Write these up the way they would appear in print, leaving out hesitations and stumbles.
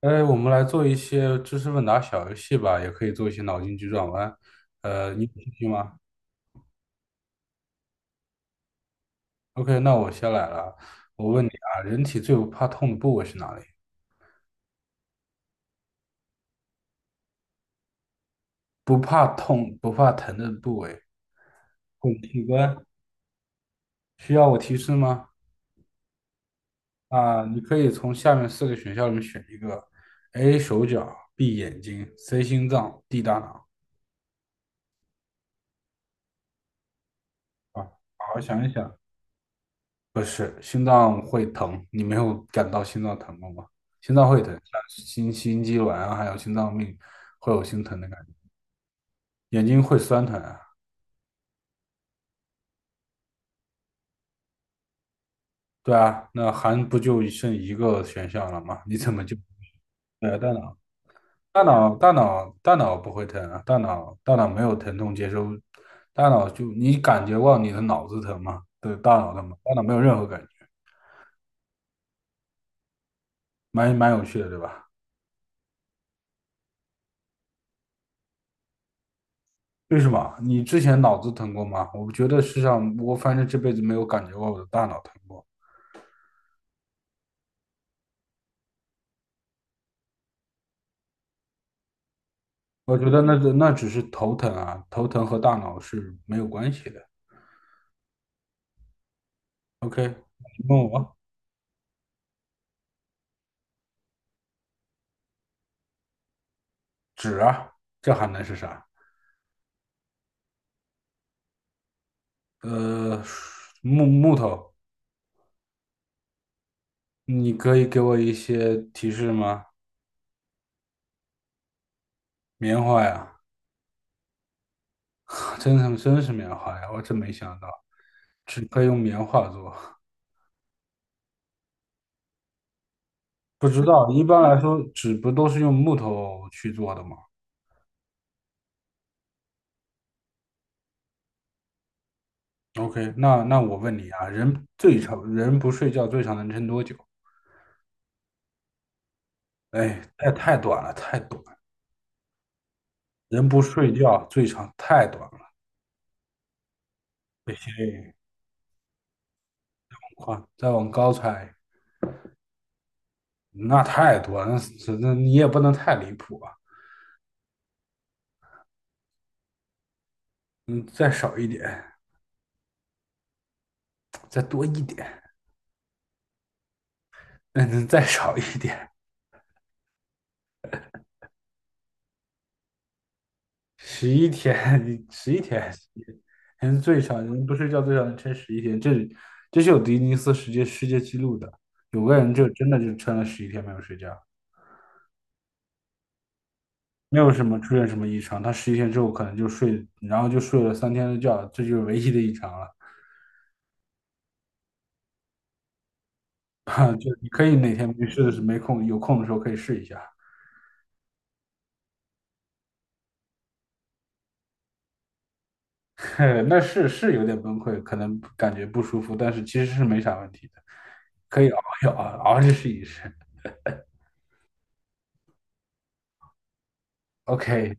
哎，我们来做一些知识问答小游戏吧，也可以做一些脑筋急转弯。你有兴趣吗？OK，那我先来了。我问你啊，人体最不怕痛的部位是哪里？不怕痛、不怕疼的部位，滚器官。需要我提示吗？啊，你可以从下面四个选项里面选一个：A. 手脚，B. 眼睛，C. 心脏，D. 大脑。啊，好好想一想。不是，心脏会疼，你没有感到心脏疼过吗？心脏会疼，像心肌卵啊，还有心脏病会有心疼的感觉，眼睛会酸疼啊。对啊，那还不就剩一个选项了吗？你怎么就对啊大脑？大脑不会疼啊，大脑没有疼痛接收，大脑就你感觉过你的脑子疼吗？对，大脑的嘛，大脑没有任何感觉，蛮有趣的，对吧？为什么？你之前脑子疼过吗？我觉得世上，我反正这辈子没有感觉过我的大脑疼过。我觉得那只是头疼啊，头疼和大脑是没有关系的。OK，你问我纸啊，这还能是啥？呃，木头，你可以给我一些提示吗？棉花呀，真是棉花呀，我真没想到，纸可以用棉花做。不知道，一般来说，纸不都是用木头去做的吗？OK，那我问你啊，人不睡觉最长能撑多久？哎，太短了，太短了。人不睡觉最长太短了，这些话再往高猜，那太多，那是那你也不能太离谱啊。嗯，再少一点，再多一点，嗯，再少一点，十一天，你十一天，人不睡觉最长能撑十一天，这是有吉尼斯世界纪录的，有个人就真的就撑了十一天没有睡觉。没有什么出现什么异常，他十一天之后可能就睡，然后就睡了3天的觉，这就是唯一的异常了。啊，就你可以哪天没事的时候没空有空的时候可以试一下，那是有点崩溃，可能感觉不舒服，但是其实是没啥问题的，可以熬一熬，熬着试一试。OK，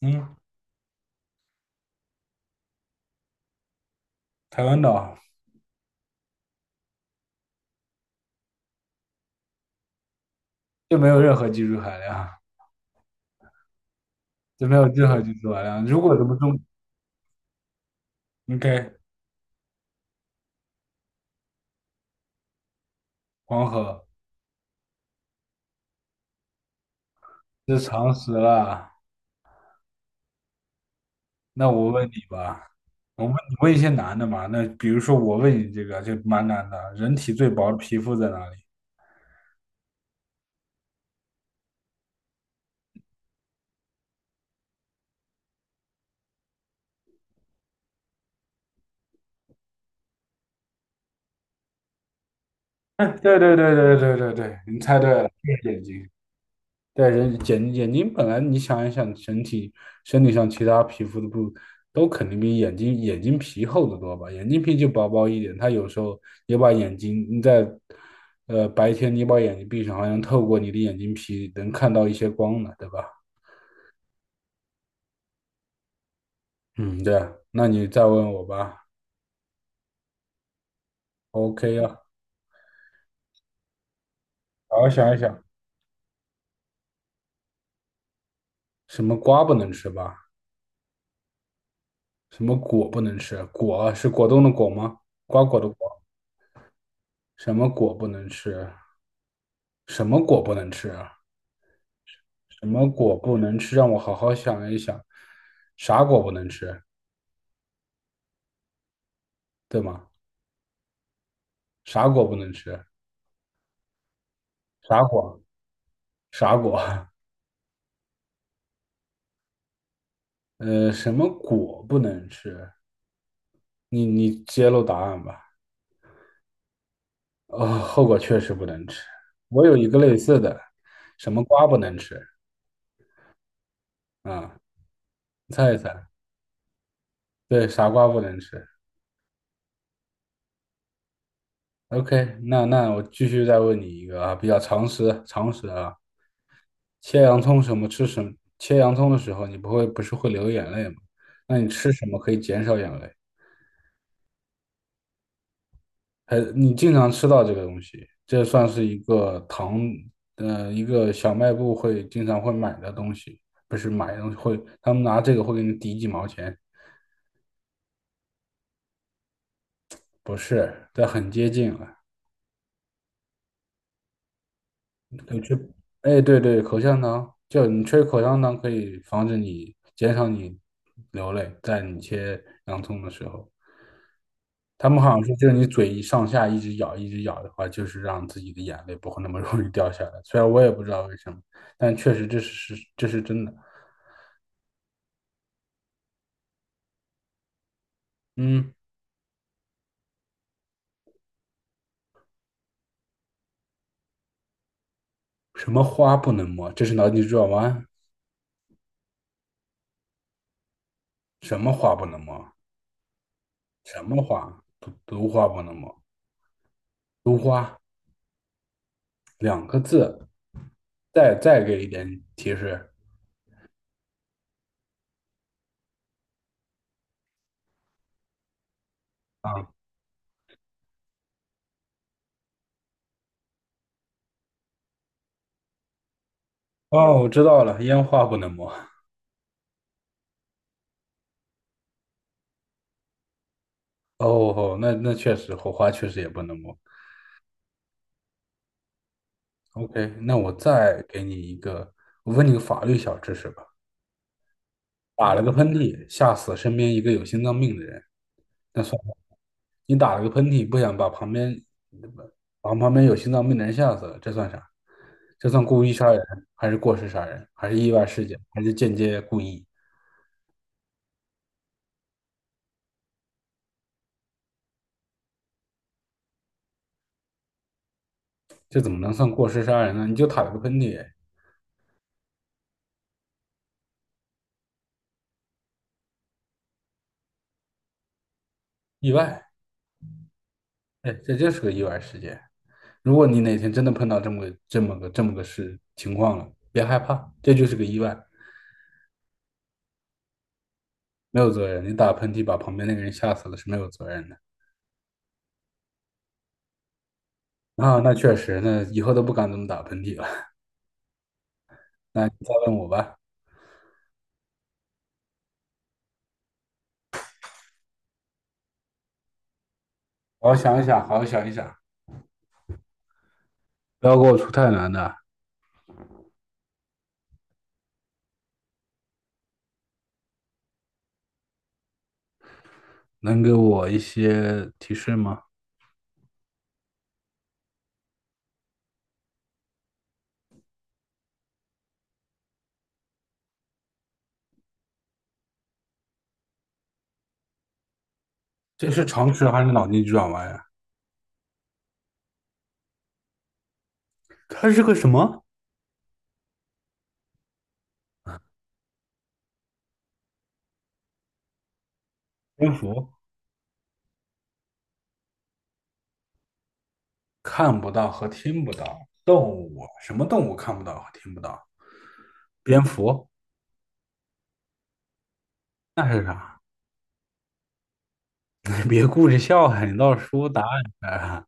嗯，台湾岛就没有任何技术含量，就没有任何技术含量。如果怎么中，OK，黄河就常识了。那我问你吧，我问你问一些难的嘛。那比如说我问你这个就蛮难的，人体最薄的皮肤在哪里？哎，对，你猜对了，就是眼睛。对，眼睛本来你想一想，身体上其他皮肤的部都肯定比眼睛皮厚得多吧？眼睛皮就薄薄一点，它有时候也把眼睛你在白天你把眼睛闭上，好像透过你的眼睛皮能看到一些光呢，对吧？嗯，对啊，那你再问我吧。OK 啊，好好想一想，什么瓜不能吃吧？什么果不能吃？果是果冻的果吗？瓜果的果。什么果不能吃？什么果不能吃啊？什么果不能吃？让我好好想一想，啥果不能吃？对吗？啥果不能吃？啥果？啥果？什么果不能吃？你揭露答案吧。哦，后果确实不能吃。我有一个类似的，什么瓜不能吃啊？你猜一猜。对，傻瓜不能吃。OK，那我继续再问你一个啊，比较常识啊，切洋葱什么吃什么切洋葱的时候，你不会不是会流眼泪吗？那你吃什么可以减少眼泪？还你经常吃到这个东西，这算是一个糖，一个小卖部会经常会买的东西，不是买的东西会，他们拿这个会给你抵几毛钱，不是，这很接近了。对，吹，哎，对对，口香糖，就你吹口香糖可以防止你减少你流泪，在你切洋葱的时候，他们好像说，就是你嘴一上下一直咬，一直咬的话，就是让自己的眼泪不会那么 容易掉下来。虽然我也不知道为什么，但确实这是真的。嗯，什么花不能摸？这是脑筋急转弯。什么花不能摸？什么花？毒花不能摸。毒花2个字，再给一点提示。啊。哦，我知道了，烟花不能摸。哦，哦那那确实，火花确实也不能摸。OK，那我再给你一个，我问你个法律小知识吧。打了个喷嚏，吓死身边一个有心脏病的人，那算啥？你打了个喷嚏，不想把旁边把旁边有心脏病的人吓死了，这算啥？这算故意杀人，还是过失杀人，还是意外事件，还是间接故意？这怎么能算过失杀人呢？你就打了个喷嚏，意外。哎，这就是个意外事件。如果你哪天真的碰到这么个事情况了，别害怕，这就是个意外，没有责任。你打喷嚏把旁边那个人吓死了是没有责任的。啊，那确实，那以后都不敢这么打喷嚏了。那你再问我吧，好好想一想，不要给我出太难的，能给我一些提示吗？这是常识还是脑筋急转弯呀？它是个什么？蝙蝠看不到和听不到，动物什么动物看不到和听不到？蝙蝠。那是啥？你别顾着笑哈，你倒是说答案啊！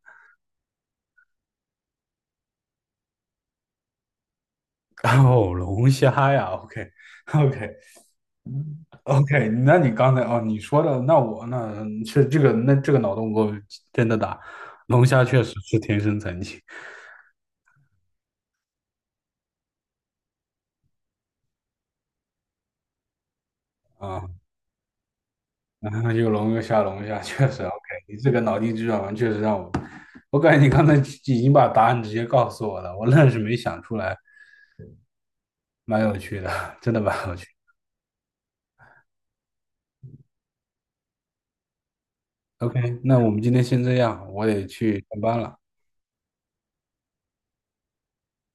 哦，龙虾呀，OK OK，那你刚才哦，你说的，那我那是这个那这个脑洞给我真的大，龙虾确实是天生残疾啊，啊又龙又虾龙虾，确实 OK，你这个脑筋急转弯确实让我，我感觉你刚才已经把答案直接告诉我了，我愣是没想出来，蛮有趣的，真的蛮有趣。OK，那我们今天先这样，我得去上班了，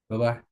拜拜。